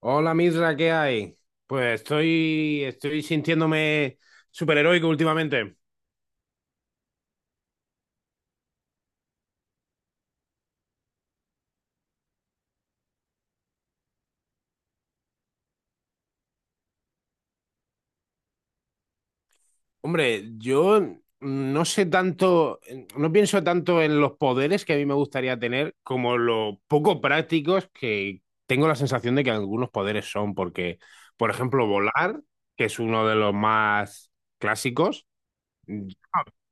Hola Misra, ¿qué hay? Pues estoy sintiéndome superheroico últimamente. Hombre, yo no sé tanto, no pienso tanto en los poderes que a mí me gustaría tener como lo poco prácticos que tengo la sensación de que algunos poderes son, porque, por ejemplo, volar, que es uno de los más clásicos.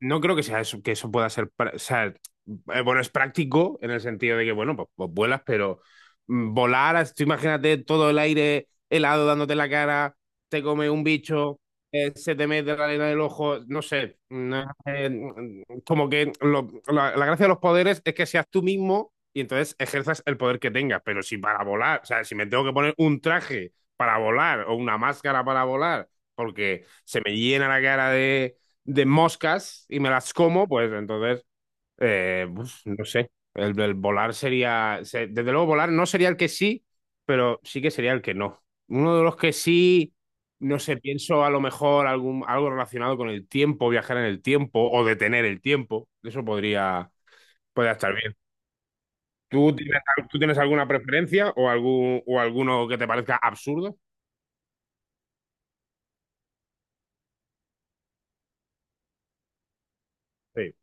No creo que sea eso, que eso pueda ser, o sea, bueno, es práctico en el sentido de que, bueno, pues vuelas, pero volar, tú imagínate todo el aire helado dándote en la cara, te come un bicho, se te mete la arena del ojo, no sé, no es, como que la gracia de los poderes es que seas tú mismo y entonces ejerzas el poder que tengas, pero si para volar, o sea, si me tengo que poner un traje para volar o una máscara para volar, porque se me llena la cara de moscas y me las como, pues entonces, uf, no sé, el volar sería, desde luego volar no sería el que sí, pero sí que sería el que no. Uno de los que sí, no sé, pienso a lo mejor algo relacionado con el tiempo, viajar en el tiempo o detener el tiempo, eso podría estar bien. ¿Tú tienes alguna preferencia o, alguno que te parezca absurdo? Sí.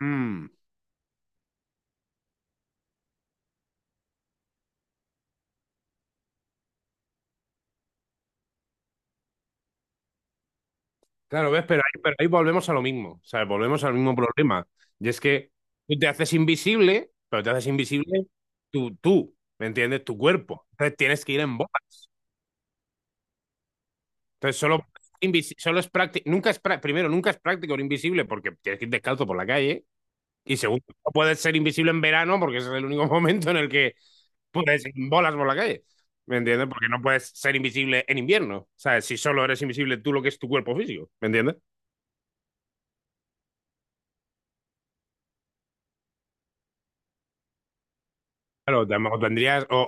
Mm. Claro, ves, pero ahí volvemos a lo mismo, ¿sabes? Volvemos al mismo problema. Y es que tú te haces invisible, pero te haces invisible tú, ¿me entiendes? Tu cuerpo. Entonces tienes que ir en bolas. Entonces solo, solo es práctico, nunca es primero, nunca es práctico ir invisible porque tienes que ir descalzo por la calle. Y segundo, no puedes ser invisible en verano porque ese es el único momento en el que puedes ir en bolas por la calle. ¿Me entiendes? Porque no puedes ser invisible en invierno. ¿Sabes? Si solo eres invisible tú lo que es tu cuerpo físico. ¿Me entiendes? Claro, o tendrías, o,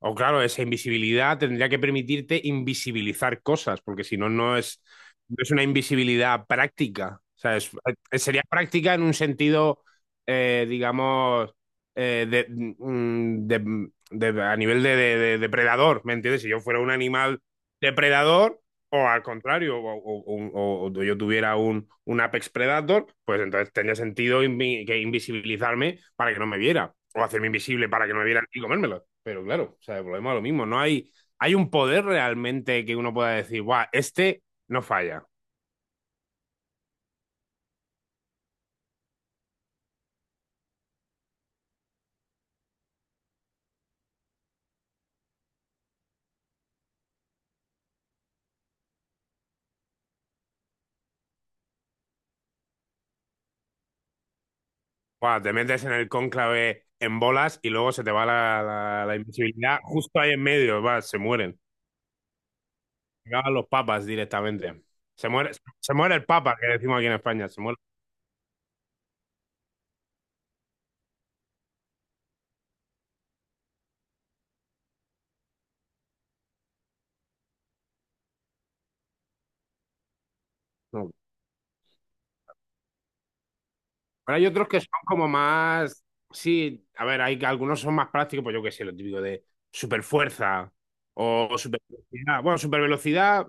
o- o claro, esa invisibilidad tendría que permitirte invisibilizar cosas, porque si no, no es una invisibilidad práctica. O sea, sería práctica en un sentido, digamos, de, mm, de- a nivel de, de depredador, ¿me entiendes? Si yo fuera un animal depredador, o al contrario, o yo tuviera un Apex Predator, pues entonces tendría sentido que invisibilizarme para que no me viera, o hacerme invisible para que no me vieran y comérmelo. Pero claro, o sea, el problema es lo mismo. No hay un poder realmente que uno pueda decir, guau, este no falla. Guau, te metes en el cónclave en bolas y luego se te va la invisibilidad justo ahí en medio, va, se mueren. Acaban los papas directamente. Se muere, se muere el papa, que decimos aquí en España, se muere. No, pero hay otros que son como más. Sí, a ver, hay algunos son más prácticos, pues yo qué sé, lo típico de super fuerza o super velocidad. Bueno, super velocidad,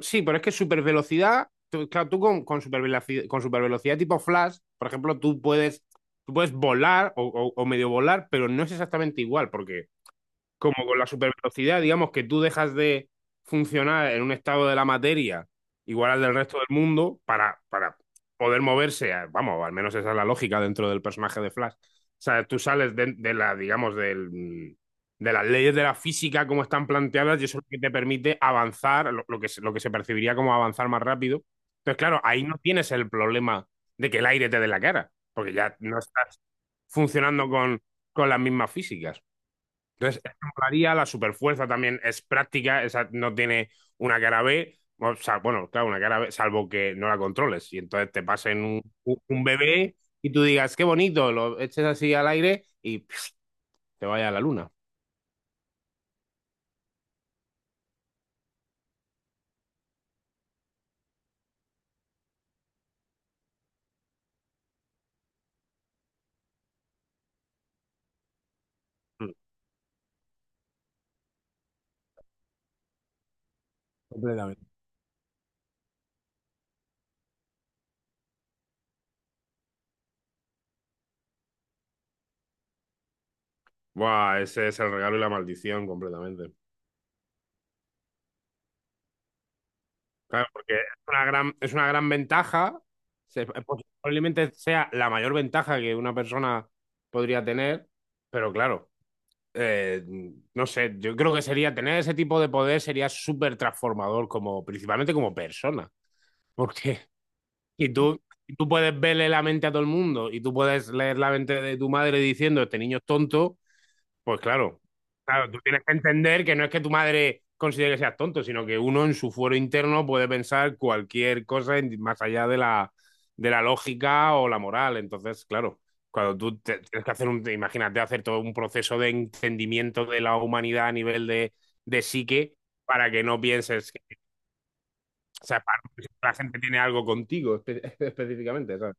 sí, pero es que super velocidad, claro, tú con super velocidad, con supervelocidad tipo Flash, por ejemplo, tú puedes volar o medio volar, pero no es exactamente igual, porque como con la supervelocidad, digamos que tú dejas de funcionar en un estado de la materia igual al del resto del mundo para poder moverse, vamos, al menos esa es la lógica dentro del personaje de Flash. O sea, tú sales digamos, de las leyes de la física como están planteadas y eso es lo que te permite avanzar, lo que se percibiría como avanzar más rápido. Entonces, claro, ahí no tienes el problema de que el aire te dé la cara, porque ya no estás funcionando con las mismas físicas. Entonces, ejemplaría, la superfuerza también es práctica, esa no tiene una cara B, o sea, bueno, claro, una cara B, salvo que no la controles. Y entonces te pasen un bebé y tú digas, qué bonito, lo eches así al aire y pf, te vaya a la luna. Mm. Completamente. Buah, ese es el regalo y la maldición completamente. Claro, porque es una gran ventaja, se- eh, posiblemente sea la mayor ventaja que una persona podría tener, pero claro. eh, no sé, yo creo que sería tener ese tipo de poder sería súper transformador, como, principalmente como persona. Porque y tú puedes verle la mente a todo el mundo y tú puedes leer la mente de tu madre diciendo este niño es tonto, pues claro, claro, tú tienes que entender que no es que tu madre considere que seas tonto, sino que uno en su fuero interno puede pensar cualquier cosa más allá de la lógica o la moral. Entonces, claro, cuando tú tienes que hacer imagínate hacer todo un proceso de entendimiento de la humanidad a nivel de psique para que no pienses que, o sea, para que la gente tiene algo contigo específicamente, ¿sabes?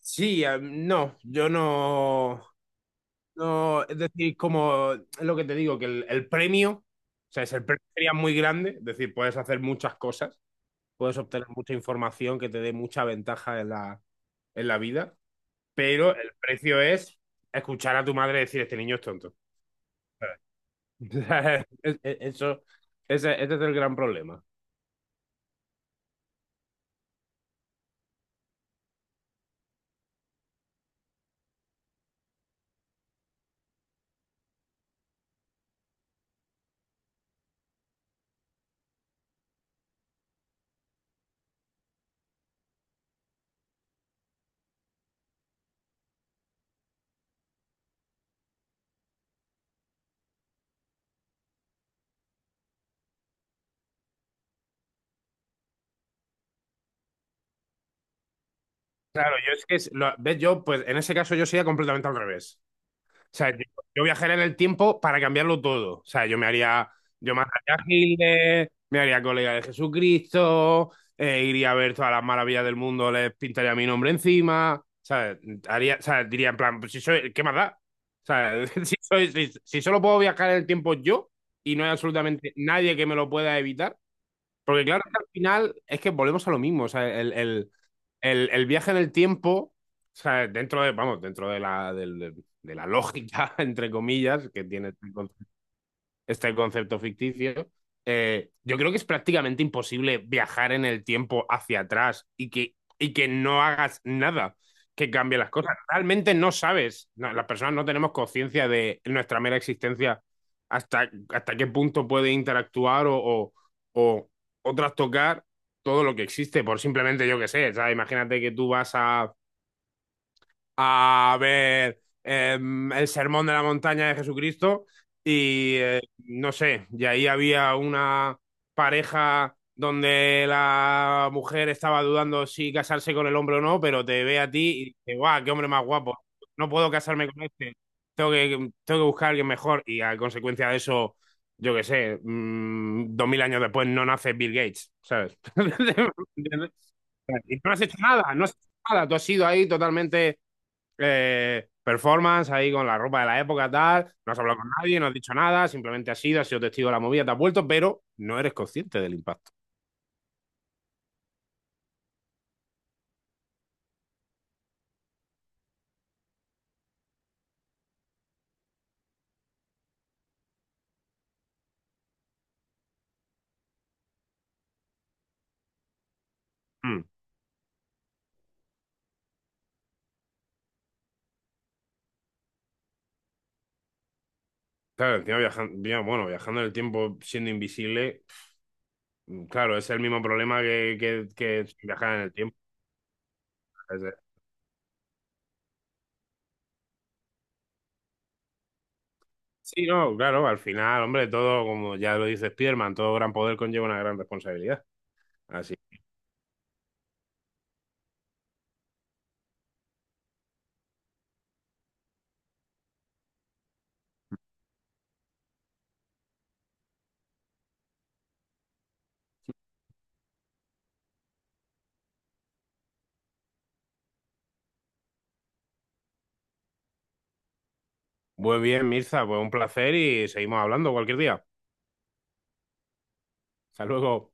Sí, no, yo no. No, es decir, como es lo que te digo, que el premio, o sea, es el premio sería muy grande, es decir, puedes hacer muchas cosas, puedes obtener mucha información que te dé mucha ventaja en la vida, pero el precio es escuchar a tu madre decir, este niño es tonto. O sea, ese es el gran problema. Claro, yo es que, ves, yo, pues en ese caso yo sería completamente al revés. Sea, yo viajaría en el tiempo para cambiarlo todo. O sea, yo mataría a Hitler, me haría colega de Jesucristo, iría a ver todas las maravillas del mundo, les pintaría mi nombre encima. O sea, o sea, diría en plan, pues si soy, ¿qué más da? O sea, si solo puedo viajar en el tiempo yo y no hay absolutamente nadie que me lo pueda evitar, porque claro, que al final es que volvemos a lo mismo. O sea, el viaje en el tiempo, o sea, vamos, dentro de la, del- del- de la lógica, entre comillas, que tiene este concepto ficticio, yo creo que es prácticamente imposible viajar en el tiempo hacia atrás y que no hagas nada que cambie las cosas. Realmente no sabes, no, las personas no tenemos conciencia de nuestra mera existencia hasta qué punto puede interactuar o, o trastocar todo lo que existe, por simplemente yo qué sé, ¿sabes? Imagínate que tú vas a ver el Sermón de la Montaña de Jesucristo y no sé, y ahí había una pareja donde la mujer estaba dudando si casarse con el hombre o no, pero te ve a ti y dice, guau, qué hombre más guapo, no puedo casarme con este, tengo que, tengo que buscar a alguien mejor y a consecuencia de eso, yo qué sé, 2000 años después no nace Bill Gates, ¿sabes? Y no has hecho nada, no has hecho nada, tú has sido ahí totalmente performance ahí con la ropa de la época, tal. No has hablado con nadie, no has dicho nada, simplemente has ido, has sido testigo de la movida, te has vuelto, pero no eres consciente del impacto. Mm. Claro, encima viajando, bueno, viajando en el tiempo siendo invisible, claro, es el mismo problema que viajar en el tiempo. Es de- Sí, no, claro, al final, hombre, todo, como ya lo dice Spiderman, todo gran poder conlleva una gran responsabilidad. Así. Muy bien, Mirza, pues un placer y seguimos hablando cualquier día. Hasta luego.